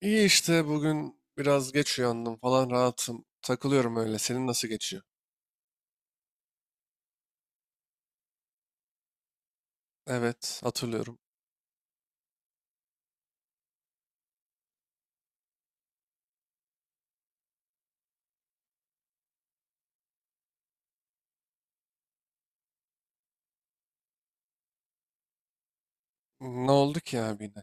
İyi işte bugün biraz geç uyandım falan rahatım. Takılıyorum öyle. Senin nasıl geçiyor? Evet, hatırlıyorum. Ne oldu ki abi yine?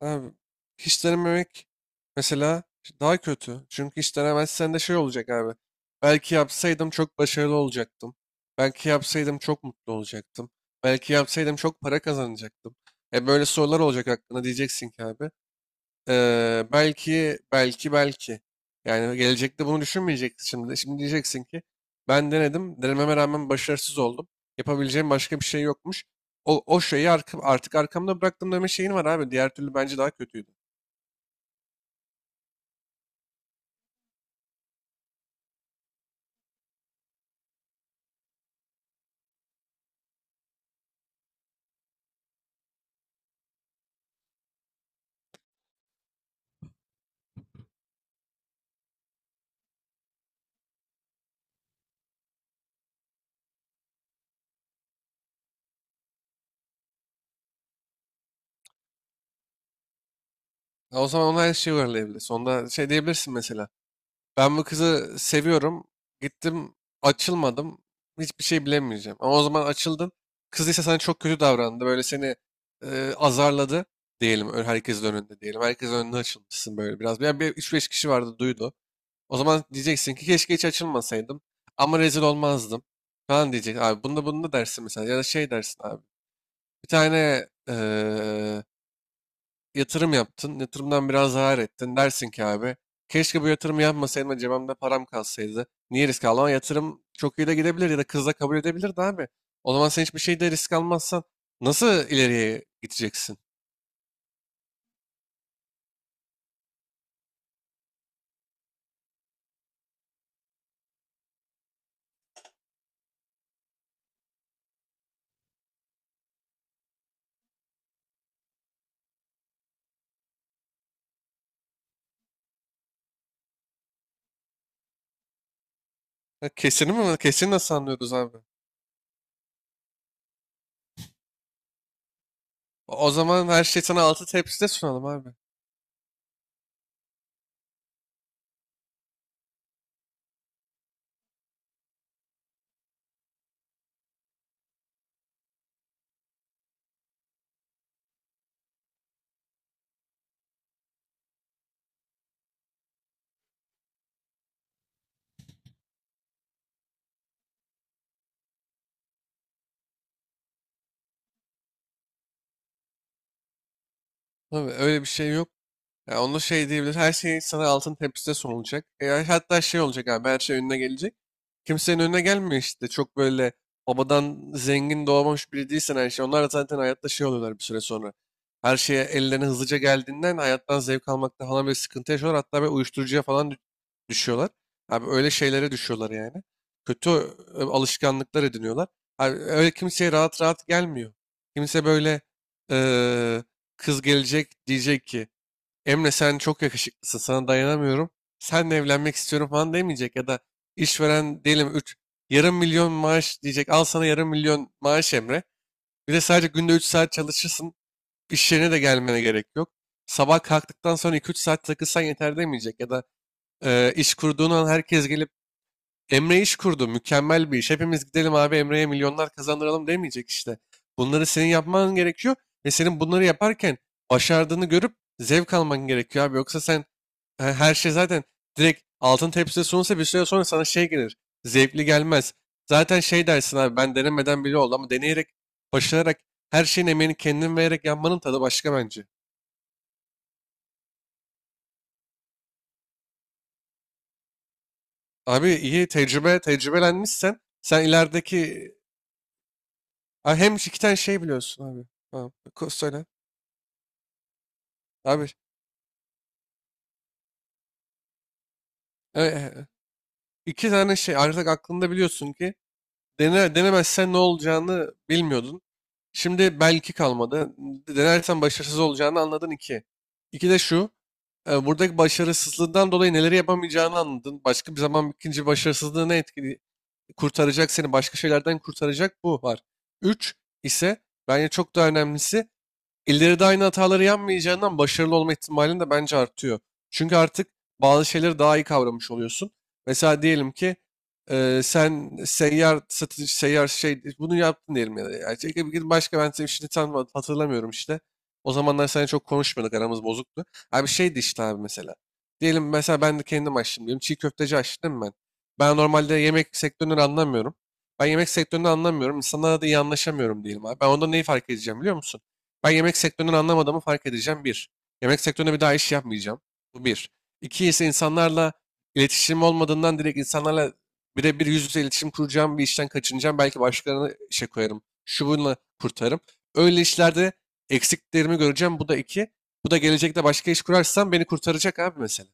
Abi hiç denememek mesela daha kötü. Çünkü hiç denemezsen de şey olacak abi. Belki yapsaydım çok başarılı olacaktım. Belki yapsaydım çok mutlu olacaktım. Belki yapsaydım çok para kazanacaktım. E böyle sorular olacak hakkında diyeceksin ki abi. Belki, belki, belki. Yani gelecekte bunu düşünmeyeceksin şimdi. Şimdi diyeceksin ki ben denedim, denememe rağmen başarısız oldum. Yapabileceğim başka bir şey yokmuş. O şeyi artık arkamda bıraktım deme şeyin var abi. Diğer türlü bence daha kötüydü. Ya, o zaman ona her şeyi uyarlayabilirsin. Onda şey diyebilirsin mesela. Ben bu kızı seviyorum. Gittim, açılmadım. Hiçbir şey bilemeyeceğim. Ama o zaman açıldın. Kız ise sana çok kötü davrandı. Böyle seni azarladı diyelim. Herkesin önünde diyelim. Herkesin önünde açılmışsın böyle biraz. Yani bir üç beş kişi vardı, duydu. O zaman diyeceksin ki keşke hiç açılmasaydım. Ama rezil olmazdım. Falan diyecek. Abi bunda bunda dersin mesela. Ya da şey dersin abi. Bir tane yatırım yaptın. Yatırımdan biraz zarar ettin. Dersin ki abi, keşke bu yatırımı yapmasaydım da cebimde param kalsaydı. Niye risk aldım? Ama yatırım çok iyi de gidebilir ya da kızla kabul edebilirdi abi. O zaman sen hiçbir şeyde risk almazsan nasıl ileriye gideceksin? Ha, kesin mi? Kesin nasıl anlıyoruz abi? O zaman her şey sana altı tepside sunalım abi. Abi öyle bir şey yok. Ya onu şey diyebilir. Her şey sana altın tepside sunulacak. E, ya hatta şey olacak abi, her şey önüne gelecek. Kimsenin önüne gelmiyor işte. Çok böyle babadan zengin doğmamış biri değilsen her şey. Onlar da zaten hayatta şey oluyorlar bir süre sonra. Her şeye ellerine hızlıca geldiğinden hayattan zevk almakta falan bir sıkıntı yaşıyorlar. Hatta böyle uyuşturucuya falan düşüyorlar. Abi öyle şeylere düşüyorlar yani. Kötü alışkanlıklar ediniyorlar. Abi öyle kimseye rahat rahat gelmiyor. Kimse böyle e, kız gelecek diyecek ki Emre, sen çok yakışıklısın, sana dayanamıyorum. Seninle evlenmek istiyorum falan demeyecek, ya da işveren diyelim 3 yarım milyon maaş diyecek. Al sana yarım milyon maaş Emre. Bir de sadece günde 3 saat çalışırsın. İş yerine de gelmene gerek yok. Sabah kalktıktan sonra iki üç saat takılsan yeter demeyecek, ya da iş kurduğun an herkes gelip Emre iş kurdu, mükemmel bir iş. Hepimiz gidelim abi Emre'ye milyonlar kazandıralım demeyecek işte. Bunları senin yapman gerekiyor ve senin bunları yaparken başardığını görüp zevk alman gerekiyor abi. Yoksa sen her şey zaten direkt altın tepside sunulsa bir süre sonra sana şey gelir. Zevkli gelmez. Zaten şey dersin abi, ben denemeden bile oldu ama deneyerek, başararak, her şeyin emeğini kendin vererek yapmanın tadı başka bence. Abi iyi tecrübelenmişsen sen ilerideki. Ha, hem iki tane şey biliyorsun abi. Ha, söyle. Abi e, e, iki tane şey artık aklında biliyorsun ki denemezsen ne olacağını bilmiyordun. Şimdi belki kalmadı. Denersen başarısız olacağını anladın iki. İki de şu. Buradaki başarısızlığından dolayı neleri yapamayacağını anladın. Başka bir zaman ikinci başarısızlığı ne etkili kurtaracak, seni başka şeylerden kurtaracak bu var. Üç ise bence çok daha önemlisi, İleride aynı hataları yapmayacağından başarılı olma ihtimalin de bence artıyor. Çünkü artık bazı şeyleri daha iyi kavramış oluyorsun. Mesela diyelim ki sen seyyar şey bunu yaptın diyelim, ya da. Yani şey, bir başka ben senin işini tam hatırlamıyorum işte. O zamanlar seninle çok konuşmuyorduk, aramız bozuktu. Abi şeydi işte abi mesela. Diyelim mesela ben de kendim açtım diyelim. Çiğ köfteci açtım değil mi ben. Ben normalde yemek sektöründen anlamıyorum. Ben yemek sektöründen anlamıyorum. İnsanlarla da iyi anlaşamıyorum diyelim abi. Ben onda neyi fark edeceğim biliyor musun? Ben yemek sektöründen anlamadığımı fark edeceğim. Bir, yemek sektöründe bir daha iş yapmayacağım. Bu bir. İki ise insanlarla iletişim olmadığından direkt insanlarla birebir yüz yüze iletişim kuracağım bir işten kaçınacağım. Belki başkalarına işe koyarım. Şu bununla kurtarım. Öyle işlerde eksiklerimi göreceğim. Bu da iki. Bu da gelecekte başka iş kurarsam beni kurtaracak abi mesela.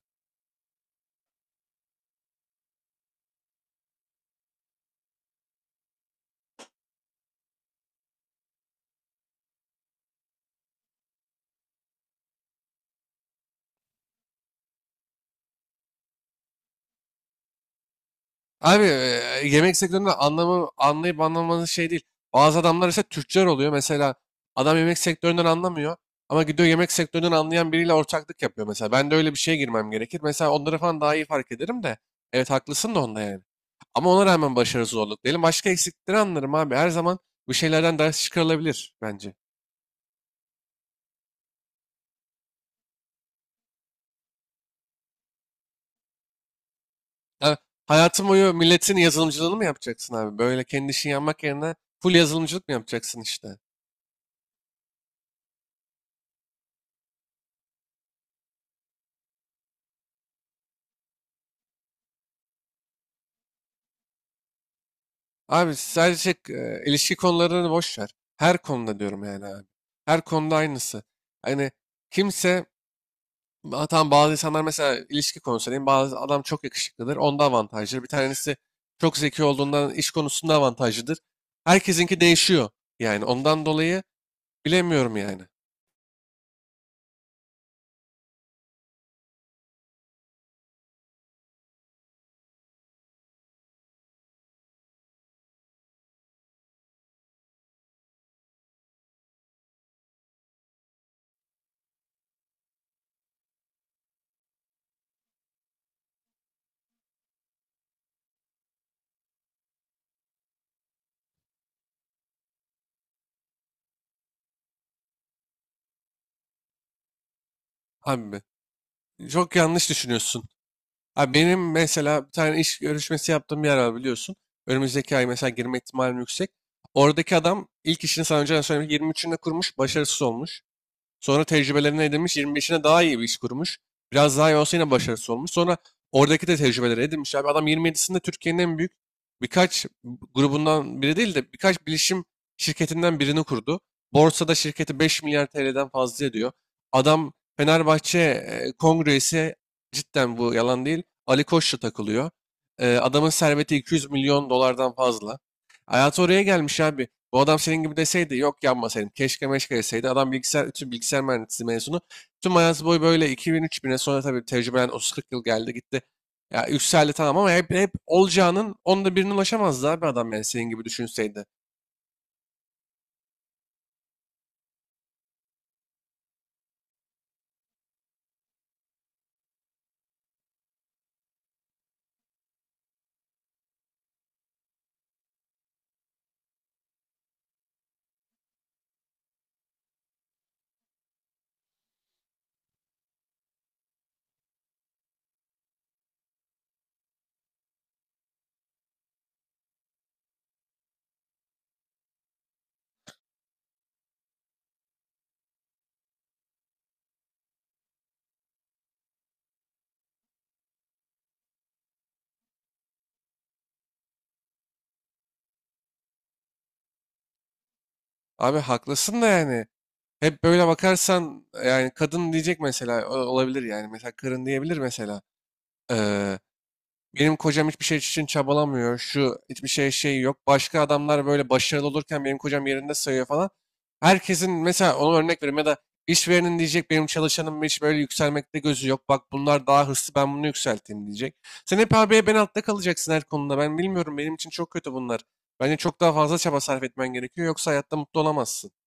Abi yemek sektöründe anlayıp anlamanın şey değil. Bazı adamlar ise tüccar oluyor. Mesela adam yemek sektöründen anlamıyor ama gidiyor yemek sektöründen anlayan biriyle ortaklık yapıyor mesela. Ben de öyle bir şeye girmem gerekir. Mesela onları falan daha iyi fark ederim de. Evet, haklısın da onda yani. Ama ona rağmen başarı zorluk diyelim. Başka eksikleri anlarım abi. Her zaman bu şeylerden ders çıkarılabilir bence. Yani hayatın boyu milletin yazılımcılığını mı yapacaksın abi? Böyle kendi işini yapmak yerine full yazılımcılık mı yapacaksın işte? Abi sadece ilişki konularını boş ver. Her konuda diyorum yani abi. Her konuda aynısı. Hani kimse. Ha, tamam, bazı insanlar mesela ilişki konusu diyeyim, bazı adam çok yakışıklıdır. Onda avantajlıdır. Bir tanesi çok zeki olduğundan iş konusunda avantajlıdır. Herkesinki değişiyor. Yani ondan dolayı bilemiyorum yani. Abi çok yanlış düşünüyorsun. Abi benim mesela bir tane iş görüşmesi yaptığım bir yer var biliyorsun. Önümüzdeki ay mesela girme ihtimalim yüksek. Oradaki adam ilk işini sana önceden söylemiş. 23'ünde kurmuş, başarısız olmuş. Sonra tecrübelerini edinmiş, 25'ine daha iyi bir iş kurmuş. Biraz daha iyi olsa yine başarısı olmuş. Sonra oradaki de tecrübeleri edinmiş. Abi adam 27'sinde Türkiye'nin en büyük birkaç grubundan biri değil de birkaç bilişim şirketinden birini kurdu. Borsada şirketi 5 milyar TL'den fazla ediyor. Adam Fenerbahçe kongre, cidden bu yalan değil. Ali Koç'la takılıyor. E, adamın serveti 200 milyon dolardan fazla. Hayatı oraya gelmiş abi. Bu adam senin gibi deseydi, yok yanmasaydım keşke meşke deseydi. Adam bütün bilgisayar mühendisliği mezunu. Tüm hayatı boyu böyle 2000 bin'e sonra tabii tecrübelen 30-40 yıl geldi gitti. Ya yükseldi tamam, ama hep olacağının onda birine ulaşamazdı abi adam yani senin gibi düşünseydi. Abi haklısın da yani. Hep böyle bakarsan yani kadın diyecek mesela olabilir yani. Mesela karın diyebilir mesela. Benim kocam hiçbir şey için çabalamıyor. Şu hiçbir şey şey yok. Başka adamlar böyle başarılı olurken benim kocam yerinde sayıyor falan. Herkesin mesela ona örnek vereyim, ya da işverenin diyecek benim çalışanım hiç böyle yükselmekte gözü yok. Bak bunlar daha hırslı, ben bunu yükselteyim diyecek. Sen hep abiye ben altta kalacaksın her konuda. Ben bilmiyorum, benim için çok kötü bunlar. Bence çok daha fazla çaba sarf etmen gerekiyor, yoksa hayatta mutlu olamazsın.